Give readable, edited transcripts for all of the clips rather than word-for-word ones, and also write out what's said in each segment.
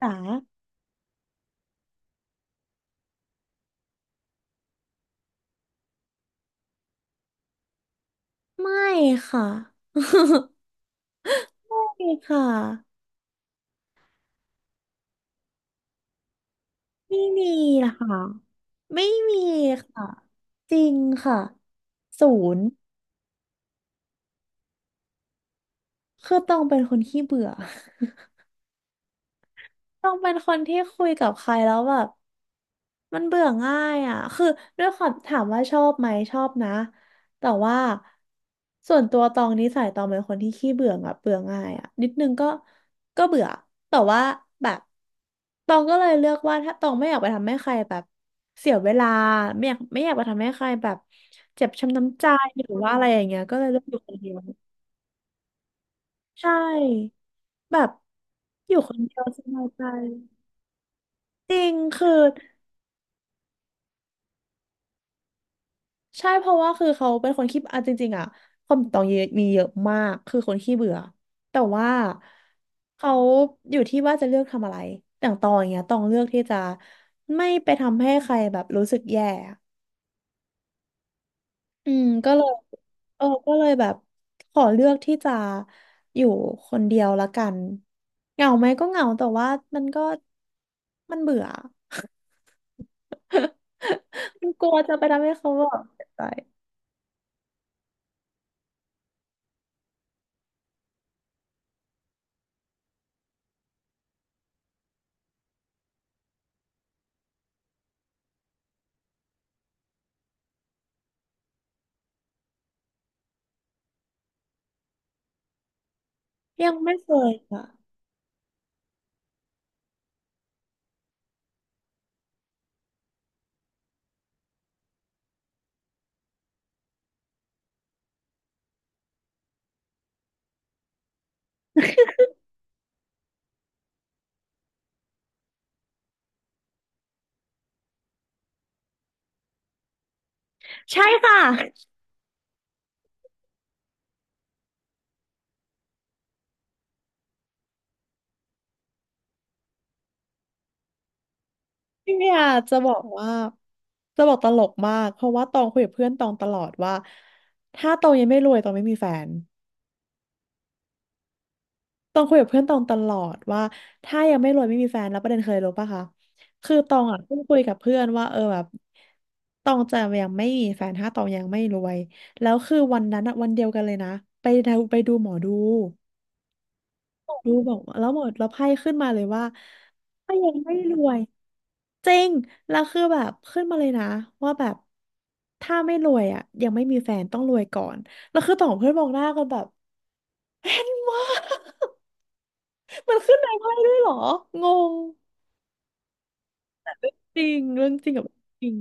จ๋าไม่ค่ะ ไม่ค่ะไม่มีค่ะไม่มีค่ะจริงค่ะศูนย์คือต้องเป็นคนขี้เบื่อต้องเป็นคนที่คุยกับใครแล้วแบบ มันเบื่อง่ายอ่ะคือด้วยความถามว่าชอบไหมชอบนะ แต่ว่าส่วนตัวตองนิสัยตองเป็นคนที่ขี้เบื่ออ่ะเบื่อง่ายอ่ะนิดนึงก็ก็เบื่อ แต่ว่าแบบตองก็เลยเลือกว่าถ้าตองไม่อยากไปทำให้ใครแบบเสียเวลาไม่อยากไปทำให้ใครแบบเจ็บช้ำน้ำใจหรือว่าอะไรอย่างเงี้ยก็เลยเลือกอยู่คนเดียวใช่แบบอยู่คนเดียวสบายใจจริงคือ ใช่เพราะว่าคือเขาเป็นคนขี้อ่ะจริงๆอ่ะความตองเยอะมีเยอะมากคือคนขี้เบื่อแต่ว่าเขาอยู่ที่ว่าจะเลือกทำอะไรอย่างตองอย่างเงี้ยตองเลือกที่จะไม่ไปทำให้ใครแบบรู้สึกแย่อืมก็เลยเออก็เลยแบบขอเลือกที่จะอยู่คนเดียวละกันเหงาไหมก็เหงาแต่ว่ามันก็มันเบื่อ มันกลัวจะไปทำให้เขาแบบเสียใจยังไม่เคยค่ะใช่ค่ะ พี่เมียจะบอกว่าจะบอกตลกมากเพราะว่าตองคุยกับเพื่อนตองตลอดว่าถ้าตองยังไม่รวยตองไม่มีแฟนตองคุยกับเพื่อนตองตลอดว่าถ้ายังไม่รวยไม่มีแฟนแล้วประเด็นเคยรู้ปะคะคือตองอ่ะเพิ่งคุยกับเพื่อนว่าเออแบบตองจะยังไม่มีแฟนถ้าตองยังไม่รวยแล้วคือวันนั้นอะวันเดียวกันเลยนะไปดูไปดูหมอดู รู้บอกว่าแล้วหมดแล้วไพ่ขึ้นมาเลยว่าถ้ายังไม่รวยจริงแล้วคือแบบขึ้นมาเลยนะว่าแบบถ้าไม่รวยอ่ะยังไม่มีแฟนต้องรวยก่อนแล้วคือต่องเพื่อนมองหน้ากันแบบแฟนวะ มันขึ้นในไพ่ด้วยเหรองงจริงเรื่องจริงกับจริง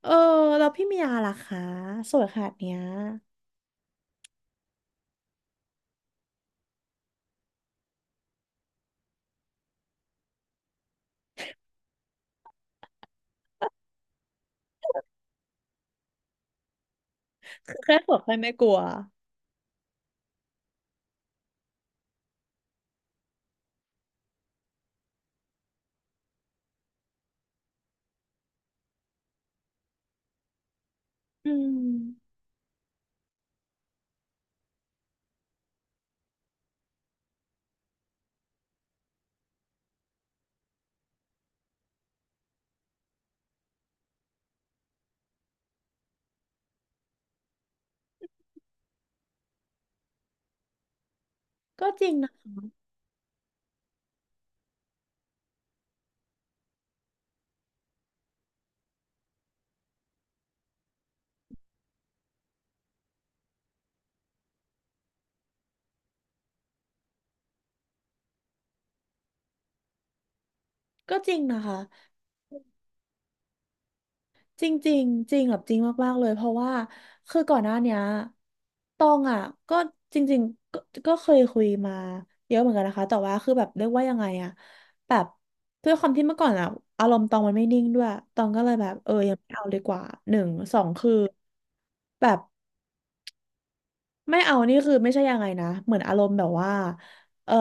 เออแล้วพี่เมียาล่ะคะสวยขนาดเนี้ยคือแค่สวยใครไม่กลัวอืมก็จริงนะก็จริงนะคะ จริงจริงจริงแบบจริงมากๆเลยเพราะว่าคือก่อนหน้าเนี้ยตองอ่ะก็จริงๆก็ก็เคยคุยมาเยอะเหมือนกันนะคะแต่ว่าคือแบบเรียกว่ายังไงอ่ะแบบด้วยความที่เมื่อก่อนอ่ะอารมณ์ตองมันไม่นิ่งด้วยตองก็เลยแบบเออยังไม่เอาดีกว่าหนึ่งสองคือแบบ ไม่เอานี่คือไม่ใช่ยังไงนะเหมือนอารมณ์แบบว่าเออ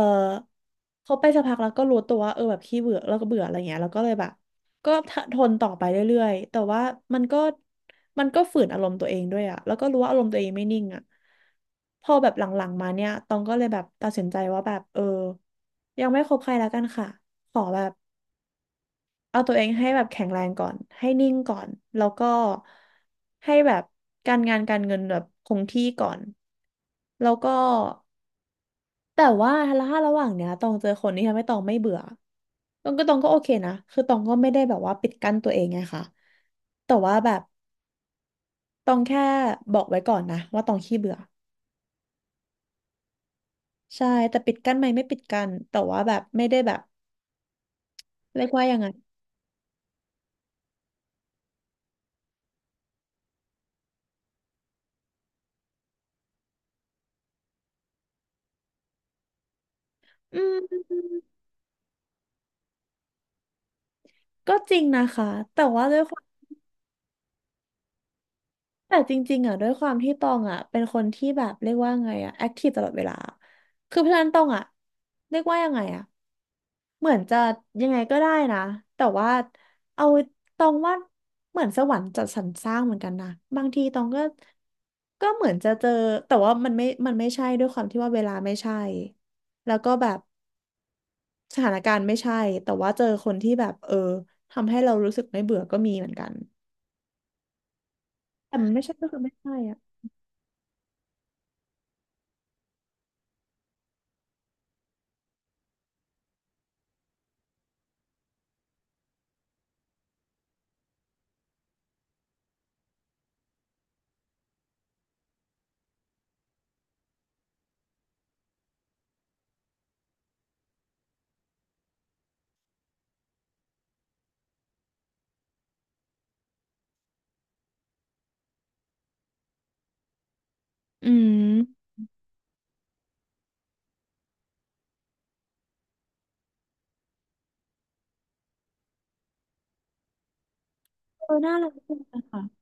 เขาไปสักพักแล้วก็รู้ตัวว่าเออแบบขี้เบื่อแล้วก็เบื่ออะไรเงี้ยแล้วก็เลยแบบก็ทนต่อไปเรื่อยๆแต่ว่ามันก็มันก็ฝืนอารมณ์ตัวเองด้วยอะแล้วก็รู้ว่าอารมณ์ตัวเองไม่นิ่งอะพอแบบหลังๆมาเนี่ยตองก็เลยแบบตัดสินใจว่าแบบเออยังไม่คบใครแล้วกันค่ะขอแบบ เอาตัวเองให้แบบแข็งแรงก่อนให้นิ่งก่อนแล้วก็ให้แบบการงานการเงินแบบคงที่ก่อนแล้วก็แต่ว่าถ้าระหว่างเนี้ยตองเจอคนที่ทำให้ตองไม่เบื่อตองก็โอเคนะคือตองก็ไม่ได้แบบว่าปิดกั้นตัวเองไงค่ะแต่ว่าแบบตองแค่บอกไว้ก่อนนะว่าตองขี้เบื่อใช่แต่ปิดกั้นไหมไม่ปิดกั้นแต่ว่าแบบไม่ได้แบบเรียกว่ายังไงอืมก็จริงนะคะแต่ว่าด้วยความ แต่จริงๆอ่ะด้วยความที่ตองอ่ะเป็นคนที่แบบเรียกว่าไงอ่ะแอคทีฟตลอดเวลาคือเพราะฉะนั้นตองอ่ะเรียกว่ายังไงอ่ะเหมือนจะยังไงก็ได้นะแต่ว่าเอาตองว่าเหมือนสวรรค์จัดสรรสร้างเหมือนกันนะบางทีตองก็ก็เหมือนจะเจอแต่ว่ามันไม่ใช่ด้วยความที่ว่าเวลาไม่ใช่แล้วก็แบบสถานการณ์ไม่ใช่แต่ว่าเจอคนที่แบบเออทำให้เรารู้สึกไม่เบื่อก็มีเหมือนกันแต่มันไม่ใช่ก็คือไม่ใช่อ่ะอืม เออน่ารักจังเลยค่ะ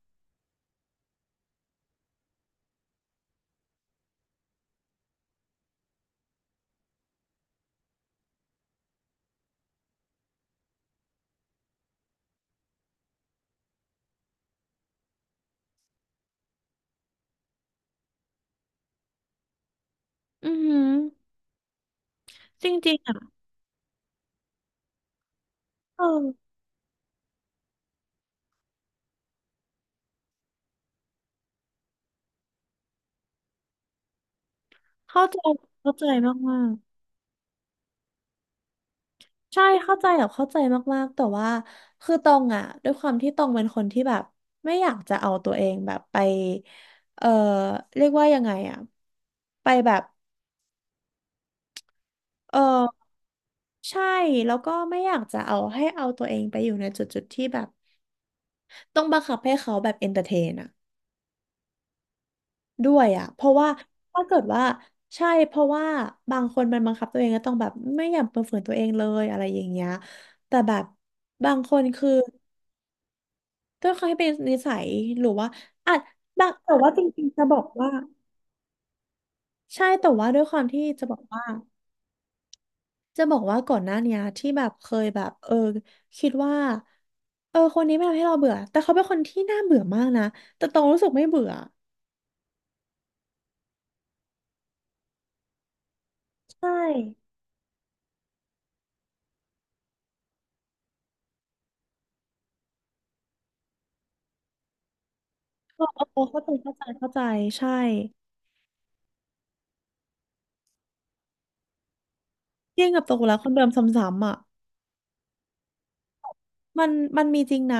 อือหือจริงๆอ่ะเออเข้าใจเข้าใจมากๆใช่เข้าใจแบบเข้าใจมากๆแต่ว่าคือตองอ่ะด้วยความที่ตองเป็นคนที่แบบไม่อยากจะเอาตัวเองแบบไป เออเรียกว่ายังไงอ่ะไปแบบ เออใช่แล้วก็ไม่อยากจะเอาตัวเองไปอยู่ในจุดๆที่แบบต้องบังคับให้เขาแบบเอนเตอร์เทนอ่ะ ด้วยอ่ะ เพราะว่าถ้าเกิดว่าใช่เพราะว่าบางคนมันบังคับตัวเองก็ต้องแบบไม่อยากเปิดเผยตัวเองเลยอะไรอย่างเงี้ยแต่แบบบางคนคือด้วยความที่เป็นนิสัยหรือว่าอาจบางแต่ว่าจริงๆจะบอกว่าใช่แต่ว่าด้วยความที่จะบอกว่าจะบอกว่าก่อนหน้าเนี้ยที่แบบเคยแบบคิดว่าคนนี้ไม่ทำให้เราเบื่อแต่เขาเป็นคนที่น่าเบื่อมากนะแต่ตองรู้สึกไม่เบื่อใช่เออเข้าใจเข้าใจเข้าใจใช่ เที่ยงกับตกหลุมรักคนเดิมซ้ำๆอ่ะมันมันมีจริงนะ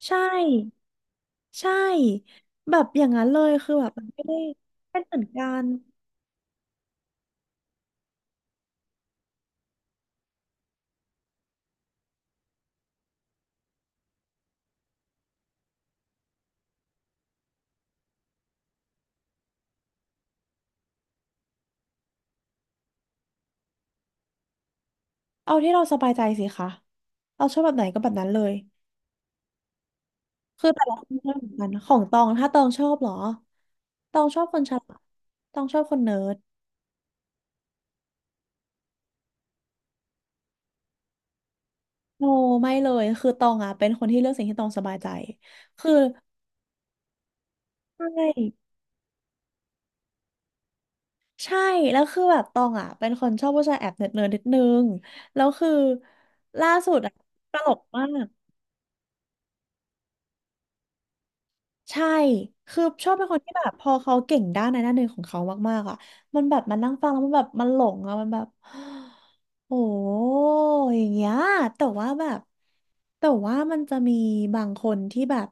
ใช่ใช่แบบอย่างนั้นเลยคือแบบมันไม่ได้เป็นเหมือนกันเอาที่เราสบายใจสิคะเราชอบแบบไหนก็แบบนั้นเลยคือแต่ละคนชอเหมือนกันของตองถ้าตองชอบเหรอตองชอบคนฉลาดตองชอบคนเนิร์ดโนไม่เลยคือตองอ่ะเป็นคนที่เลือกสิ่งที่ตองสบายใจคือใช่ ใช่แล้วคือแบบตองอ่ะเป็นคนชอบผู้ชายแอบเนิร์ดเนิร์ดนิดนึงแล้วคือล่าสุดอ่ะตลกมากใช่คือชอบเป็นคนที่แบบพอเขาเก่งด้านในด้านหนึ่งของเขามากๆอ่ะมันแบบมันนั่งฟังแล้วมันแบบมันหลงอ่ะมันแบบ โอ้อย่างเงี้ยแต่ว่าแบบแต่ว่ามันจะมีบางคนที่แบบ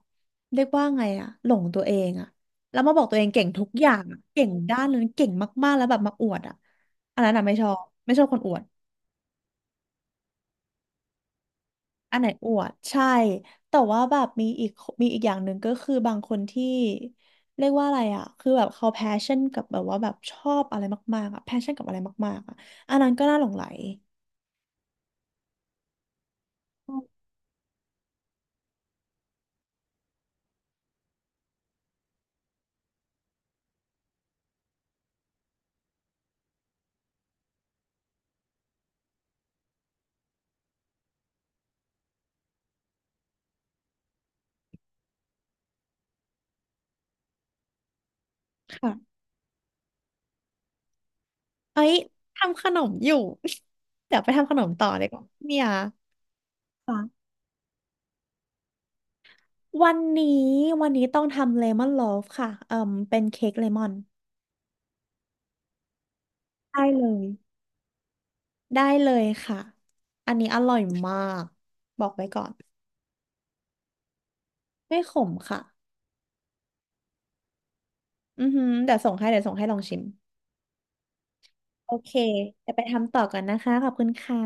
เรียกว่าไงอ่ะหลงตัวเองอ่ะแล้วมาบอกตัวเองเก่งทุกอย่างอะเก่งด้านนั้นเก่งมากๆแล้วแบบมาอวดอ่ะอันนั้นอ่ะไม่ชอบไม่ชอบคนอวด อันไหนอวดใช่แต่ว่าแบบมีอีกอย่างหนึ่งก็คือบางคนที่เรียกว่าอะไรอ่ะคือแบบเขาแพชชั่นกับแบบว่าแบบชอบอะไรมากๆอ่ะแพชชั่นกับอะไรมากๆอ่ะอันนั้นก็น่าหลงใหลอืมค่ะเอ้ยทำขนมอยู่ เดี๋ยวไปทำขนมต่อเลยก่อนเนี่ยค่ะวันนี้วันนี้ต้องทำเลมอนโลฟค่ะเอ่มเป็นเค้กเลมอนได้เลยค่ะอันนี้อร่อยมากบอกไว้ก่อนไม่ขมค่ะ อือหือเดี๋ยวส่งให้ลองชิมโอเคเดี๋ยวไปทำต่อก่อนนะคะขอบคุณค่ะ